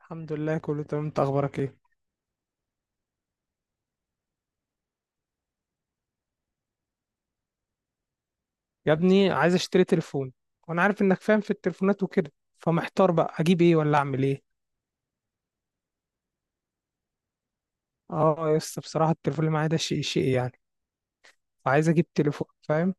الحمد لله كله تمام، انت اخبارك ايه؟ يا ابني عايز اشتري تليفون، وانا عارف انك فاهم في التليفونات وكده، فمحتار بقى اجيب ايه ولا اعمل ايه. اه يا اسطى، بصراحه التليفون اللي معايا ده شيء يعني. فعايز اجيب تليفون، فاهم.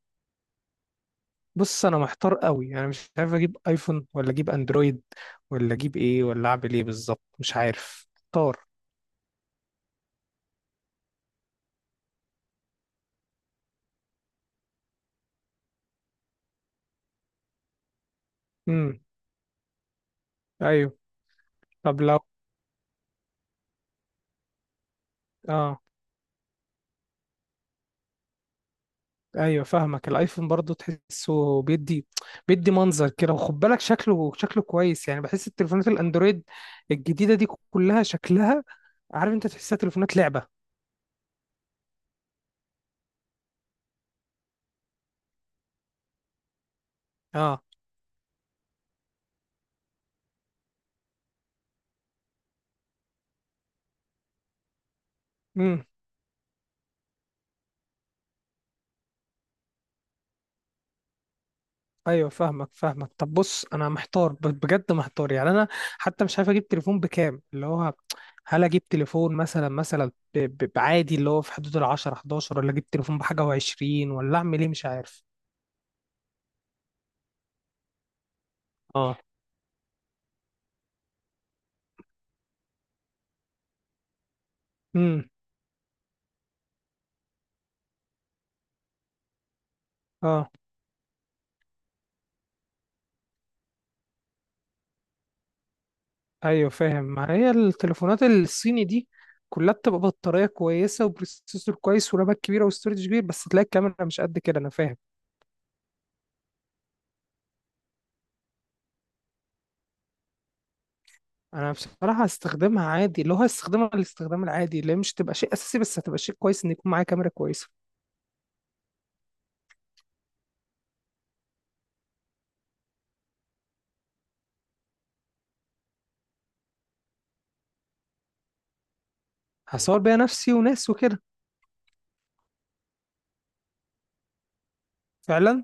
بص انا محتار قوي، انا مش عارف اجيب ايفون ولا اجيب اندرويد ولا اجيب ايه ولا اعمل ايه بالظبط، مش عارف، محتار. امم ايوه. طب لو، اه ايوه فاهمك. الايفون برضو تحسه بيدي منظر كده، وخد بالك، شكله كويس يعني. بحس التليفونات الاندرويد الجديده دي كلها شكلها، عارف انت، تحسها تليفونات لعبه. اه. امم. ايوه فاهمك طب بص انا محتار، بجد محتار يعني انا، حتى مش عارف اجيب تليفون بكام اللي هو. هل اجيب تليفون مثلا بعادي اللي هو في حدود ال 10 11، ولا اجيب تليفون بحاجه و20، ولا اعمل ايه؟ مش عارف. اه. امم. اه ايوه فاهم. ما هي التليفونات الصيني دي كلها بتبقى بطاريه كويسه وبروسيسور كويس ورامات كبيره وستورج كبير، بس تلاقي الكاميرا مش قد كده، انا فاهم. انا بصراحه هستخدمها عادي، اللي هو هستخدمها الاستخدام العادي، اللي هي مش تبقى شيء اساسي بس هتبقى شيء كويس ان يكون معايا كاميرا كويسه. هصور بيها نفسي وناس وكده. فعلا.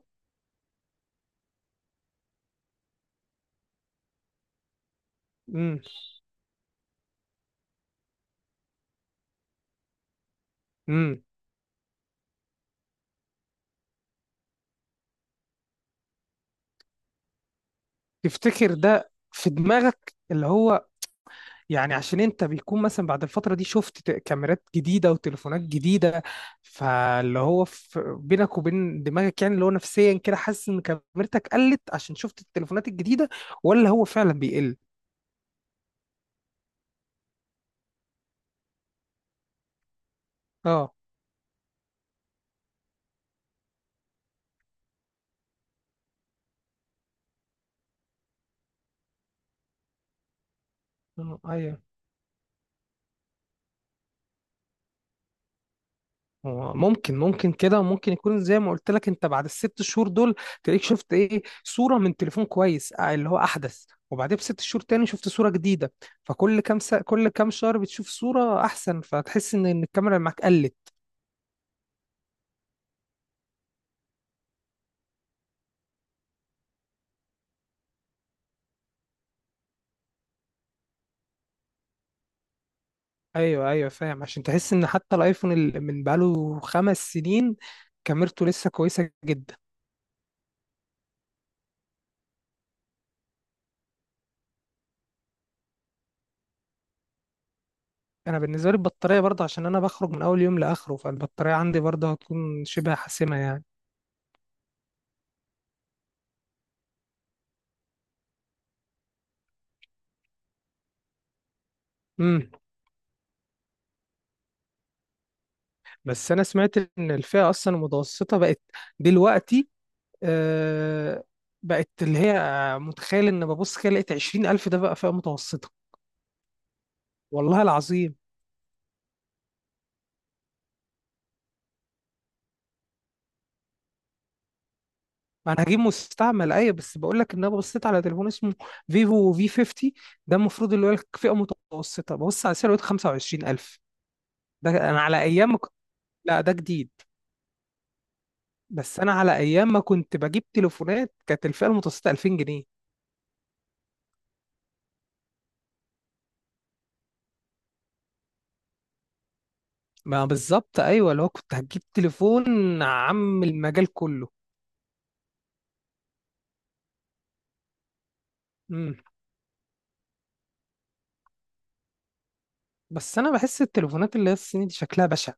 امم امم تفتكر ده في دماغك اللي هو، يعني عشان انت بيكون مثلا بعد الفترة دي شفت كاميرات جديدة وتليفونات جديدة، فاللي هو بينك وبين دماغك، يعني اللي هو نفسيا كده حاسس ان كاميرتك قلت عشان شفت التليفونات الجديدة، ولا هو فعلا بيقل؟ اه. اه، ايوه. هو ممكن كده، ممكن يكون زي ما قلت لك انت بعد الست شهور دول، تلاقيك شفت ايه صورة من تليفون كويس، اه، اللي هو احدث، وبعدين بست شهور تاني شفت صورة جديدة، فكل كام سا... كل كام شهر بتشوف صورة احسن، فتحس ان الكاميرا اللي معاك قلت. ايوه، ايوه، فاهم، عشان تحس ان حتى الايفون اللي من بقاله خمس سنين كاميرته لسه كويسه جدا. انا بالنسبه لي البطاريه برضه، عشان انا بخرج من اول يوم لاخره، فالبطاريه عندي برضه هتكون شبه حاسمه يعني. امم بس انا سمعت ان الفئه اصلا المتوسطه بقت دلوقتي، آه بقت اللي هي، متخيل ان ببص كده لقيت 20000 ده بقى فئه متوسطه. والله العظيم. ما انا هجيب مستعمل، ايوه، بس بقول لك ان انا بصيت على تليفون اسمه فيفو في 50، ده المفروض اللي هو فئه متوسطه، ببص على سعره لقيت 25000. ده انا على ايام ما كنت، لا ده جديد. بس انا على ايام ما كنت بجيب تليفونات كانت الفئه المتوسطه 2000 جنيه. ما بالظبط ايوه، اللي هو كنت هتجيب تليفون عم المجال كله. امم بس انا بحس التليفونات اللي هي الصيني دي شكلها بشع،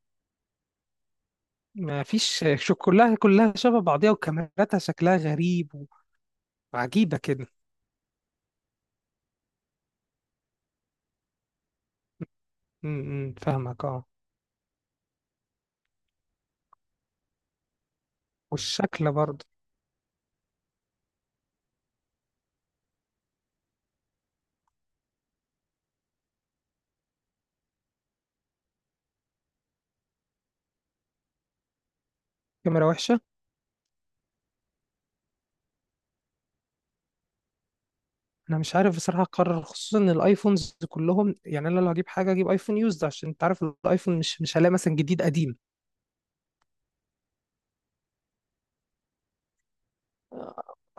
ما فيش شو، كلها شبه بعضيها وكاميراتها شكلها غريب وعجيبه كده. فاهمك اه. والشكل برضه. كاميرا وحشة. أنا مش عارف بصراحة أقرر، خصوصا إن الأيفونز كلهم، يعني أنا لو هجيب حاجة أجيب أيفون يوزد، عشان أنت عارف الأيفون مش هلاقي مثلا جديد قديم.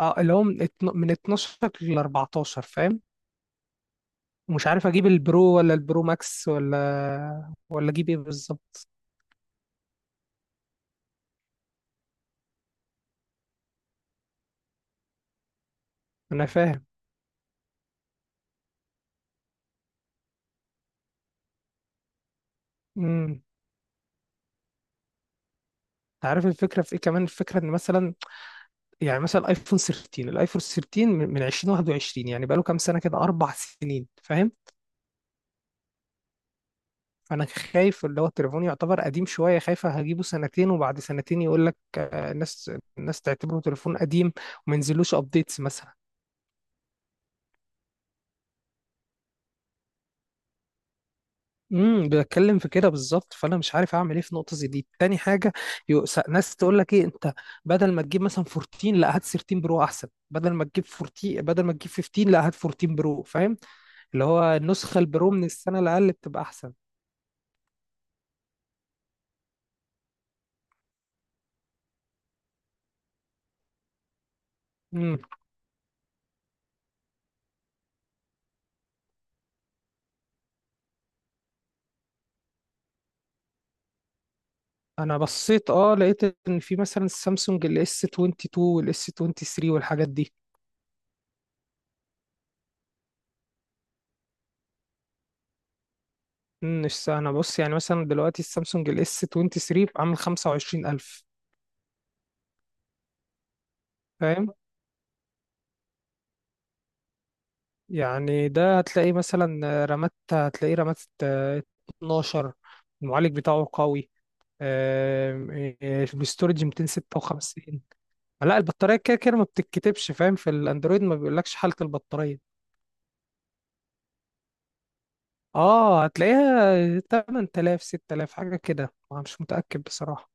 أه، اللي هو من 12 ل 14، فاهم. ومش عارف أجيب البرو ولا البرو ماكس ولا أجيب إيه بالظبط. أنا فاهم. امم أنت عارف الفكرة في إيه كمان، الفكرة إن مثلا، يعني مثلا الأيفون 13، من 2021، يعني بقاله كام سنة كده، أربع سنين، فاهم. فانا خايف اللي هو التليفون يعتبر قديم شويه، خايف هجيبه سنتين وبعد سنتين يقول لك، الناس تعتبره تليفون قديم، وما ينزلوش ابديتس مثلا. بتكلم في كده بالظبط، فانا مش عارف اعمل ايه في نقطه زي دي. تاني حاجه، ناس تقول لك ايه، انت بدل ما تجيب مثلا 14 لا هات 13 برو احسن، بدل ما تجيب 14 بدل ما تجيب 15 لا هات 14 برو، فاهم. اللي هو النسخه البرو من السنه الاقل بتبقى احسن. امم. انا بصيت، اه، لقيت ان في مثلا السامسونج الاس 22 والاس 23 والحاجات دي. مش س- انا بص، يعني مثلا دلوقتي السامسونج الاس 23 عامل 25000، فاهم. يعني ده هتلاقي مثلا رامات، هتلاقيه رامات آه، 12، المعالج بتاعه قوي، آم، آه، الاستورج 256. لا البطارية كده كده ما بتتكتبش، فاهم، في الاندرويد ما بيقولكش حالة البطارية. اه، هتلاقيها 8000 6000 حاجة كده، أنا مش متأكد بصراحة.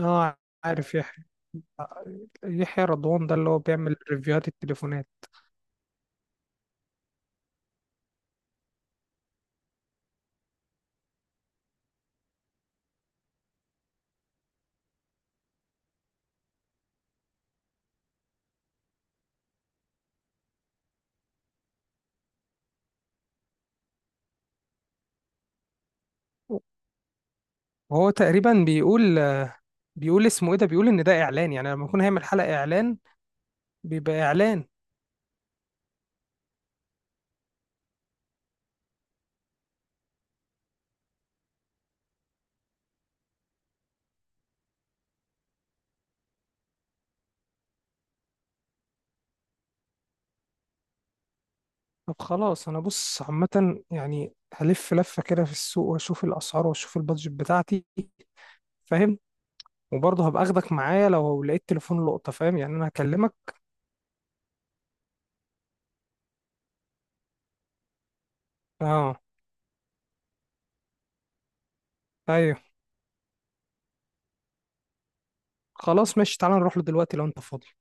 اه، عارف يحيى. يحيى رضوان ده اللي هو بيعمل ريفيوهات التليفونات. وهو تقريبا بيقول، اسمه ايه ده، بيقول ان ده اعلان، يعني لما يكون هيعمل حلقة اعلان بيبقى اعلان. طب خلاص، انا بص عامة، يعني هلف لفة كده في السوق واشوف الاسعار واشوف البادجت بتاعتي، فاهم، وبرضه هبقى اخدك معايا لو لقيت تليفون لقطة، فاهم يعني، انا هكلمك. اه ايوه، خلاص ماشي، تعالى نروح له دلوقتي لو انت فاضي.